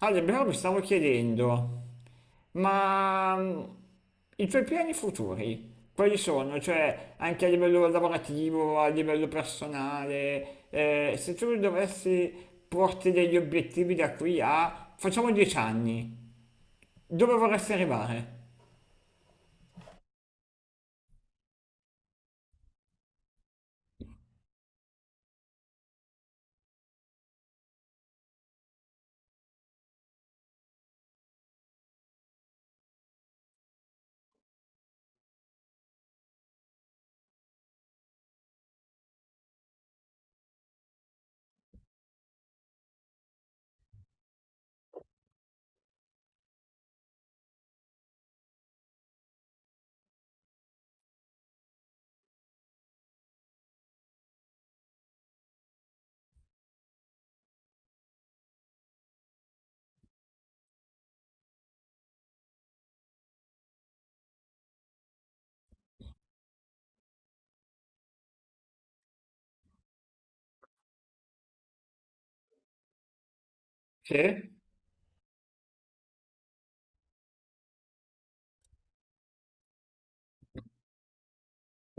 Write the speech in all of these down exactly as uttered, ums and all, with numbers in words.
Ale, però mi stavo chiedendo, ma mm, i tuoi piani futuri, quali sono? Cioè, anche a livello lavorativo, a livello personale, eh, se tu dovessi porti degli obiettivi da qui a, facciamo dieci anni, dove vorresti arrivare? Sì?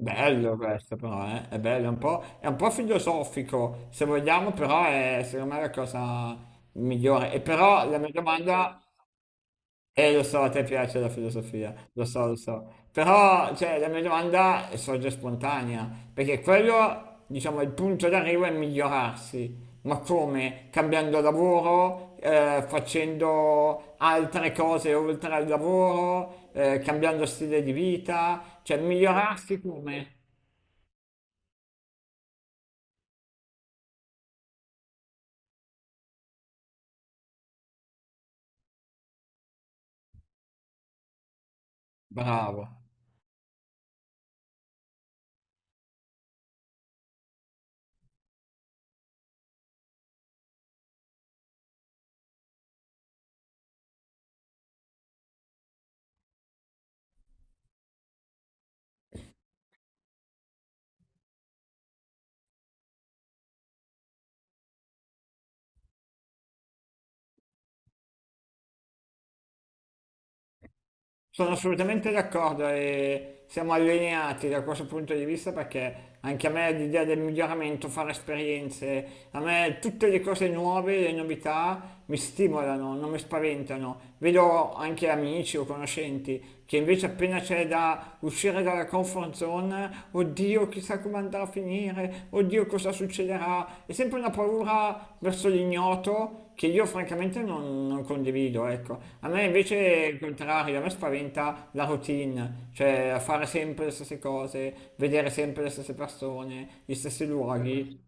Bello questo però, eh? È bello, è un po', è un po' filosofico, se vogliamo, però è secondo me la cosa migliore. E però la mia domanda... Eh, lo so, a te piace la filosofia, lo so, lo so. Però, cioè, la mia domanda sorge spontanea, perché quello, diciamo, il punto d'arrivo è migliorarsi. Ma come? Cambiando lavoro, eh, facendo altre cose oltre al lavoro, eh, cambiando stile di vita, cioè migliorarsi come? Bravo. Sono assolutamente d'accordo e siamo allineati da questo punto di vista perché anche a me l'idea del miglioramento, fare esperienze, a me tutte le cose nuove, le novità mi stimolano, non mi spaventano. Vedo anche amici o conoscenti che invece appena c'è da uscire dalla comfort zone, oddio chissà come andrà a finire, oddio cosa succederà, è sempre una paura verso l'ignoto che io francamente non, non condivido, ecco. A me invece è il contrario, a me spaventa la routine, cioè fare sempre le stesse cose, vedere sempre le stesse persone, gli stessi luoghi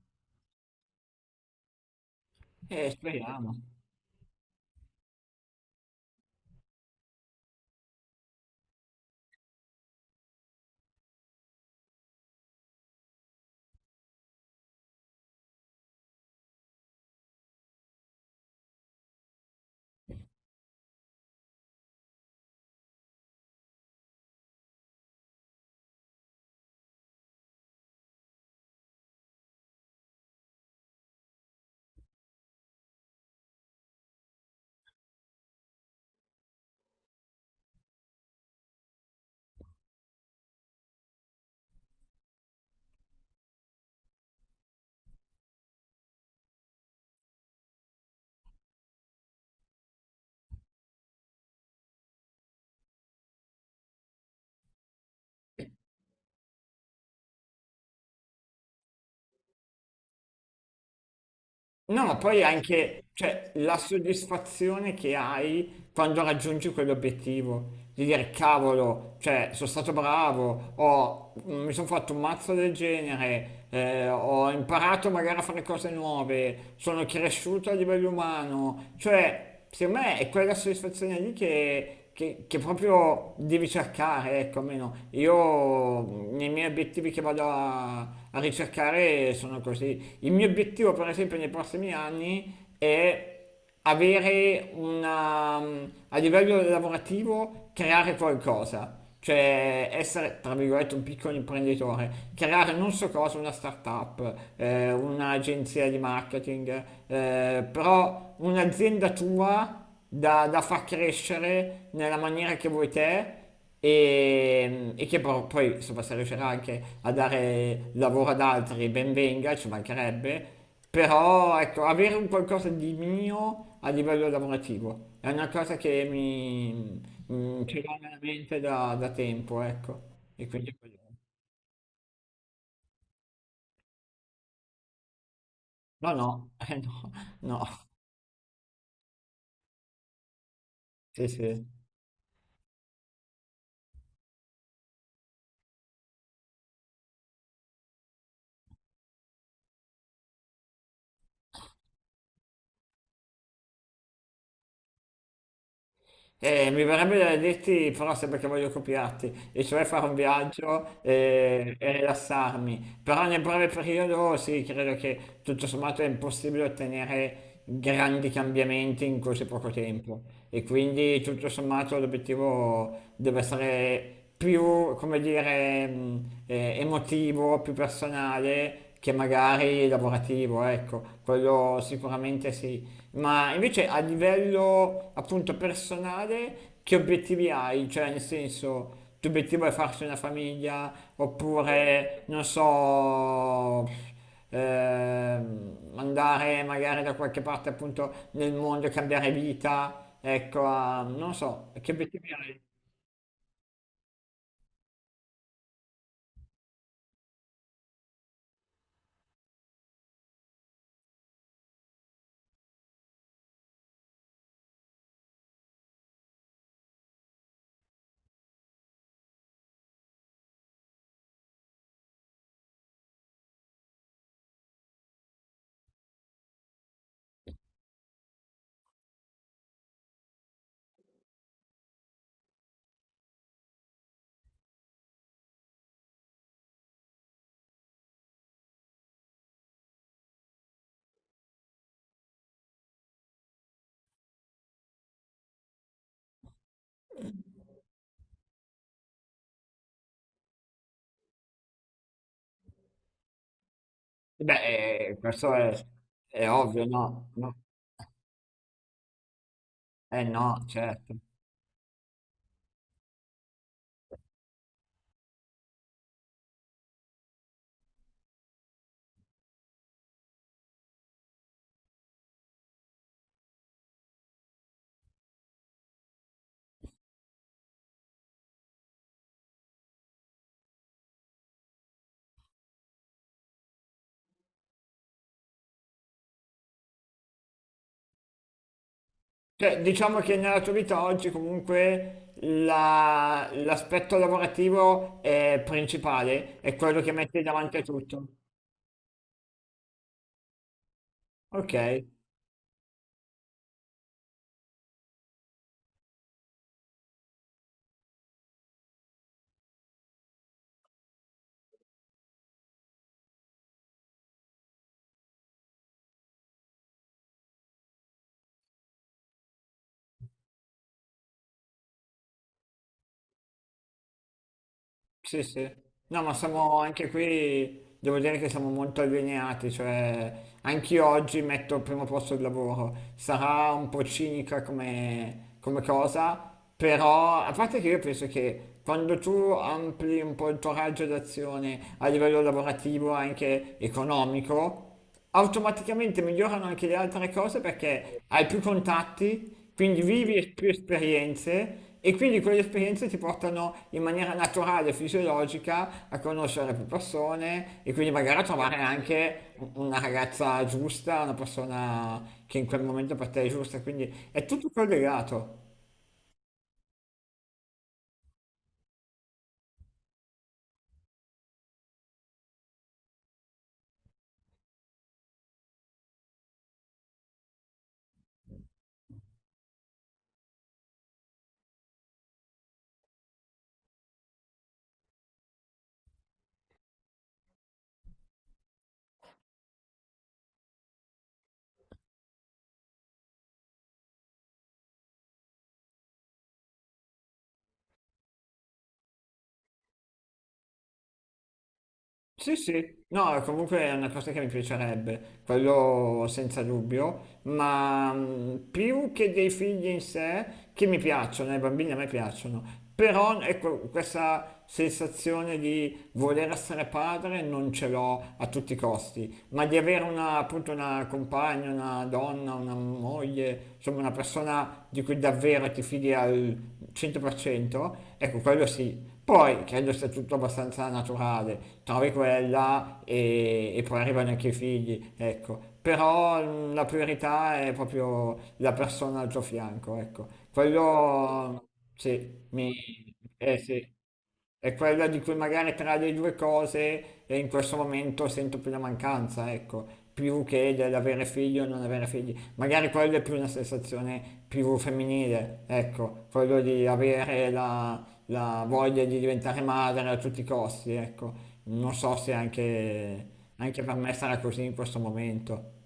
e speriamo. No, ma poi anche, cioè, la soddisfazione che hai quando raggiungi quell'obiettivo, di dire cavolo, cioè, sono stato bravo, ho- mm, mi sono fatto un mazzo del genere, eh, ho imparato magari a fare cose nuove, sono cresciuto a livello umano, cioè, secondo me è quella soddisfazione lì che che, che proprio devi cercare, ecco, almeno io mh, nei miei obiettivi che vado a, a ricercare sono così. Il mio obiettivo, per esempio, nei prossimi anni è avere una, mh, a livello lavorativo, creare qualcosa. Cioè essere, tra virgolette, un piccolo imprenditore, creare non so cosa, una startup, eh, un'agenzia di marketing, eh, però un'azienda tua da, da far crescere nella maniera che vuoi te e, e che però poi insomma, se riuscirà anche a dare lavoro ad altri, ben venga, ci mancherebbe, però ecco, avere un qualcosa di mio a livello lavorativo è una cosa che mi, mi ce l'ho nella mente da, da tempo, ecco, e quindi no, no, eh, no, no, sì, sì. Eh, mi verrebbe da dirti, però sembra che voglio copiarti, e cioè fare un viaggio eh, e, rilassarmi. Però nel breve periodo sì, credo che tutto sommato è impossibile ottenere grandi cambiamenti in così poco tempo. E quindi tutto sommato l'obiettivo deve essere più, come dire, mh, eh, emotivo, più personale che magari lavorativo, ecco, quello sicuramente sì. Ma invece a livello appunto personale, che obiettivi hai? Cioè, nel senso, il tuo obiettivo è farsi una famiglia oppure, non so, ehm, andare magari da qualche parte appunto nel mondo, e cambiare vita, ecco, a- non so, che obiettivi hai? Beh, eh, questo è, è ovvio, no? No. Eh no, certo. Cioè, diciamo che nella tua vita oggi comunque la- l'aspetto lavorativo è principale, è quello che metti davanti a tutto. Ok, sì, sì. No, ma siamo anche qui, devo dire che siamo molto allineati, cioè anch'io oggi metto al primo posto il lavoro. Sarà un po' cinica come, come cosa, però a parte che io penso che quando tu ampli un po' il tuo raggio d'azione a livello lavorativo, anche economico, automaticamente migliorano anche le altre cose perché hai più contatti, quindi vivi es- più esperienze e quindi quelle esperienze ti portano in maniera naturale, fisiologica, a conoscere più persone e quindi magari a trovare anche u- una ragazza giusta, una persona che in quel momento per te è giusta, quindi è tutto collegato. Sì, sì, no, comunque è una cosa che mi piacerebbe, quello senza dubbio, ma mh, più che dei figli in sé, che mi piacciono, i bambini a me piacciono, però ecco, questa sensazione di voler essere padre non ce l'ho a tutti i costi, ma di avere una, appunto una compagna, una donna, una moglie, insomma una persona di cui davvero ti fidi quindi al cento per cento, ecco quello sì. Poi credo sia tutto abbastanza naturale, trovi quella e, e poi arrivano anche i figli, ecco. Però mh, la priorità è proprio la persona al tuo fianco, ecco. Quello sì, mi... Eh sì. È quella di cui magari tra le due cose eh, in questo momento sento più la mancanza, ecco, più che dell'avere figli o non avere figli magari quella è più una sensazione più femminile, ecco, quello di avere la, la voglia di diventare madre a tutti i costi, ecco. Non so se anche, anche per me sarà così in questo momento.